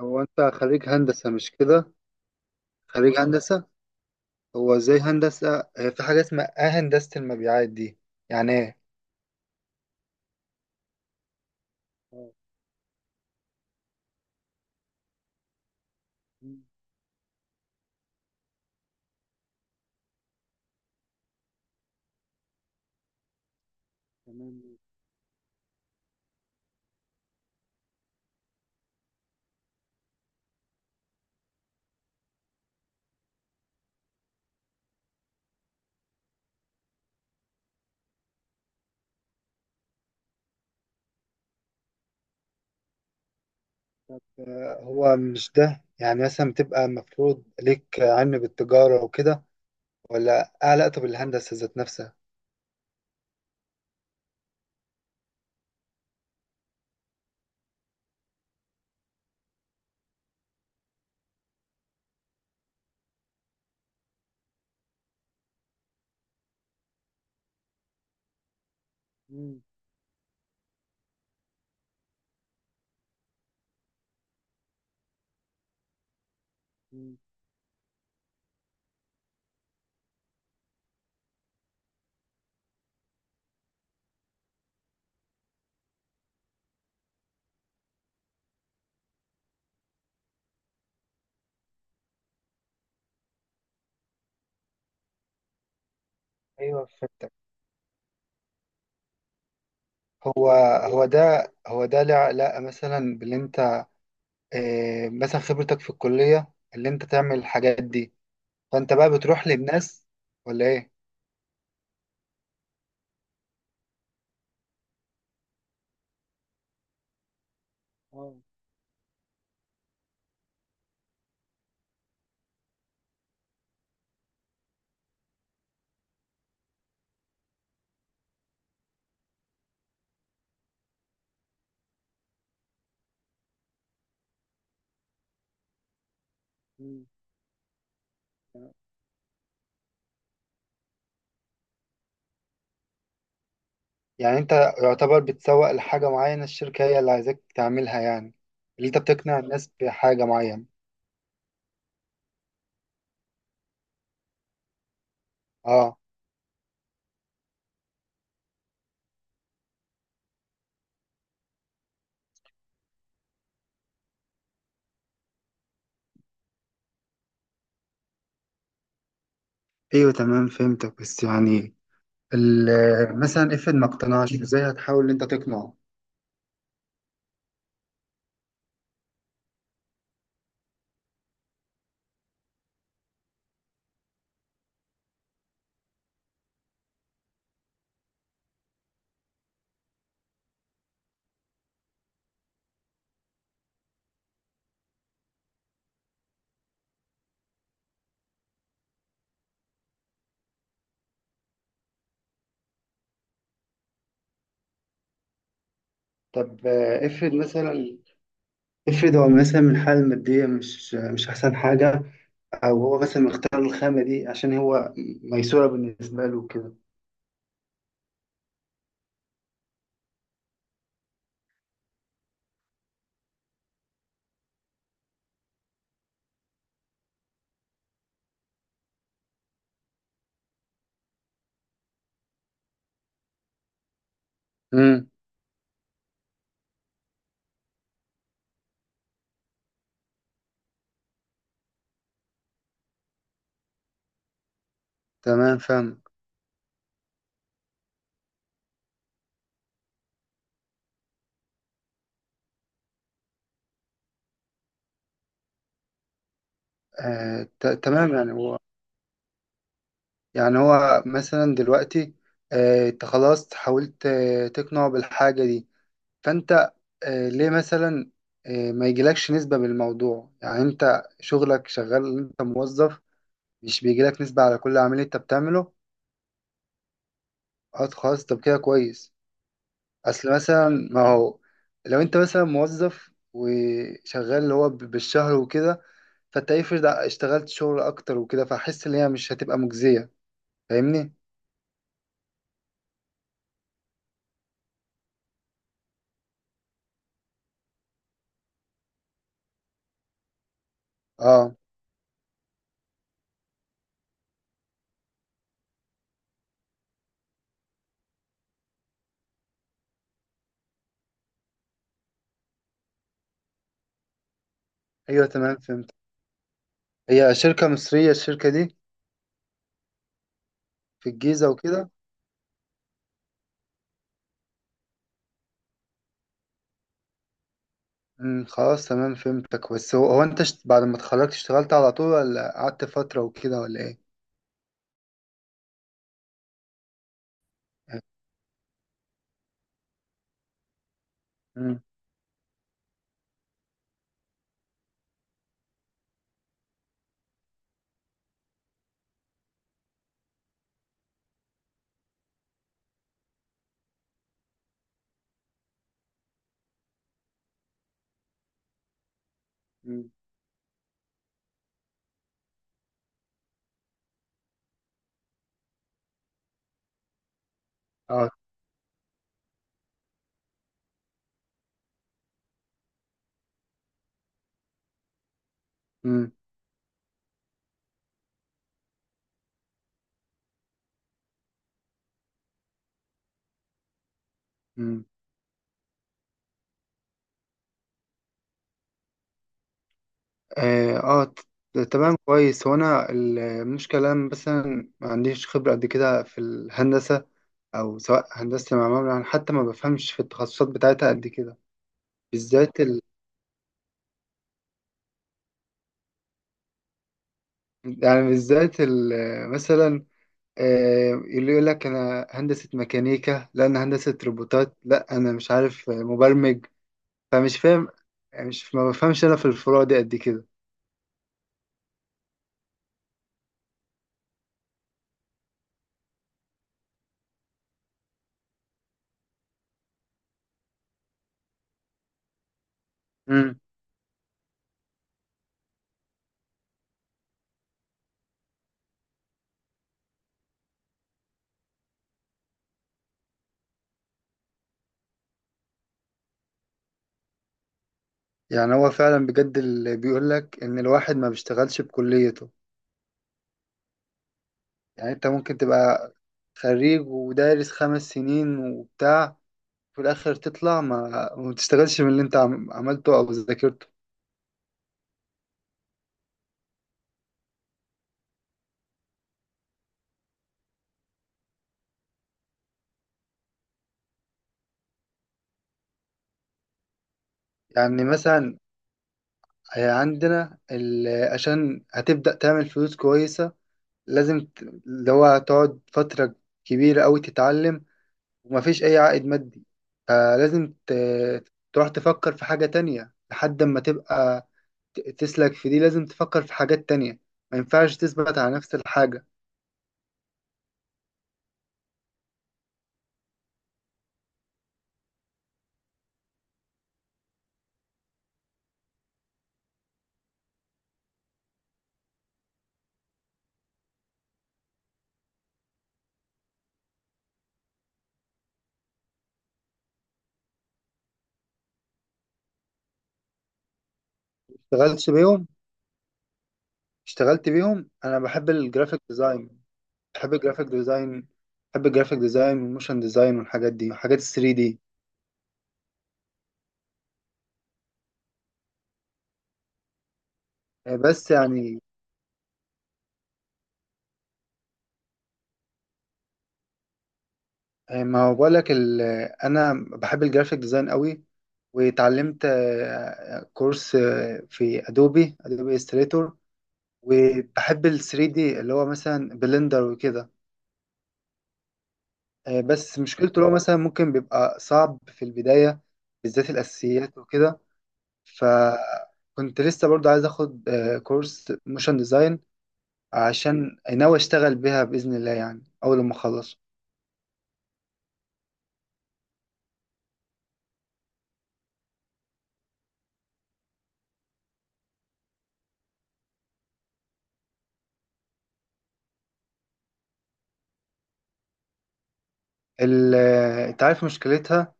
هو انت خريج هندسة مش كده؟ خريج هندسة. هو زي هندسة هي في حاجة اسمها هندسة المبيعات دي، يعني ايه؟ اه. مم، تمام. هو مش ده يعني مثلا بتبقى مفروض ليك علم بالتجارة وكده ولا علاقة بالهندسة ذات نفسها؟ مم، مم. ايوه فهمتك. هو هو ده له علاقة مثلا باللي انت مثلا خبرتك في الكلية اللي انت تعمل الحاجات دي، فانت بقى بتروح للناس ولا ايه؟ اه. يعني انت يعتبر بتسوق لحاجة معينة، الشركة هي اللي عايزاك تعملها يعني، اللي انت بتقنع الناس بحاجة معينة. اه. ايوه تمام فهمتك، بس يعني مثلا افرض ما اقتنعش ازاي هتحاول ان انت تقنعه. طب افرض مثلا، افرض هو مثلا من الحالة المادية مش احسن حاجة، او هو مثلا مختار الخامة دي عشان هو ميسورة بالنسبة له كده. امم، تمام فاهم. تمام يعني، يعني هو مثلا دلوقتي انت خلاص حاولت تقنعه بالحاجة دي، فانت ليه مثلا ما يجيلكش نسبة بالموضوع، يعني انت شغلك شغال، انت موظف، مش بيجيلك نسبة على كل عميل انت بتعمله؟ اه خلاص طب كده كويس. اصل مثلا ما هو لو انت مثلا موظف وشغال اللي هو بالشهر وكده، فانت افرض اشتغلت شغل اكتر وكده، فحس ان هي مش هتبقى مجزية، فاهمني. اه ايوه تمام فهمت. هي شركة مصرية الشركة دي، في الجيزة وكده. خلاص تمام فهمتك، بس هو انت بعد ما اتخرجت اشتغلت على طول ولا قعدت فترة وكده ولا ايه؟ امم. امم. اه. امم. امم. اه. تمام كويس. هو انا المشكلة أنا مثلا ما عنديش خبرة قد كده في الهندسة، او سواء هندسة معمار، يعني حتى ما بفهمش في التخصصات بتاعتها قد كده، بالذات ال… يعني بالذات ال… مثلا اللي يقول لك انا هندسة ميكانيكا، لا انا هندسة روبوتات، لا انا مش عارف مبرمج، فمش فاهم، يعني مش ما بفهمش انا في الفروع دي قد كده. امم. يعني هو فعلا بجد اللي بيقول لك ان الواحد ما بيشتغلش بكليته. يعني انت ممكن تبقى خريج ودارس 5 سنين وبتاع، في الاخر تطلع ما بتشتغلش من اللي انت عملته او ذاكرته. يعني مثلا عندنا عشان هتبدأ تعمل فلوس كويسة لازم اللي هو تقعد فترة كبيرة أوي تتعلم، ومفيش أي عائد مادي، فلازم تروح تفكر في حاجة تانية لحد ما تبقى تسلك في دي، لازم تفكر في حاجات تانية، ما ينفعش تثبت على نفس الحاجة. اشتغلتش بيهم؟ اشتغلت بيهم أنا بحب الجرافيك ديزاين، بحب الجرافيك ديزاين، بحب الجرافيك ديزاين والموشن ديزاين والحاجات دي وحاجات الثري دي. بس يعني ما هو بقول لك ال… انا بحب الجرافيك ديزاين قوي، واتعلمت كورس في ادوبي استريتور، وبحب ال 3 دي اللي هو مثلا بلندر وكده. بس مشكلته اللي هو مثلا ممكن بيبقى صعب في البداية، بالذات الاساسيات وكده. فكنت لسه برضو عايز اخد كورس موشن ديزاين، عشان ناوي اشتغل بيها باذن الله يعني اول ما اخلص. انت عارف مشكلتها،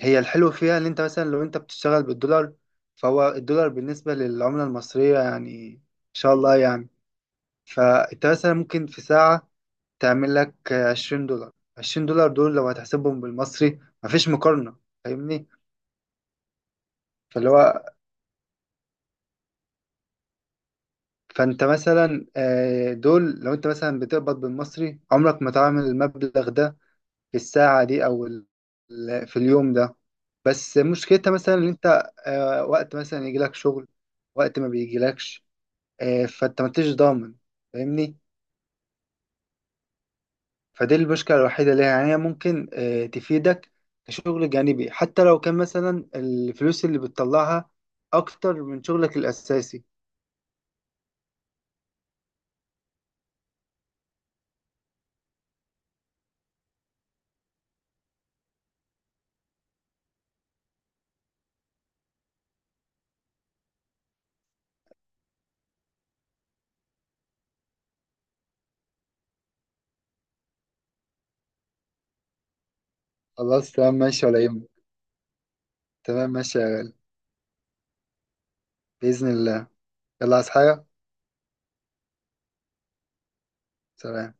هي الحلو فيها ان انت مثلا لو انت بتشتغل بالدولار، فهو الدولار بالنسبة للعملة المصرية يعني ان شاء الله يعني، فانت مثلا ممكن في ساعة تعمل لك $20، $20 دول لو هتحسبهم بالمصري مفيش مقارنة، فاهمني. فاللي هو فانت مثلا دول لو انت مثلا بتقبض بالمصري عمرك ما تعمل المبلغ ده في الساعة دي او في اليوم ده، بس مشكلتها مثلا ان انت وقت مثلا يجيلك شغل وقت ما بيجيلكش، فانت ما انتش ضامن فاهمني. فدي المشكله الوحيده ليها، يعني هي ممكن تفيدك كشغل جانبي حتى لو كان مثلا الفلوس اللي بتطلعها اكتر من شغلك الاساسي. خلاص تمام ماشي ولا يهمك. تمام ماشي يا غالي، باذن الله. يلا عايز حاجه؟ سلام.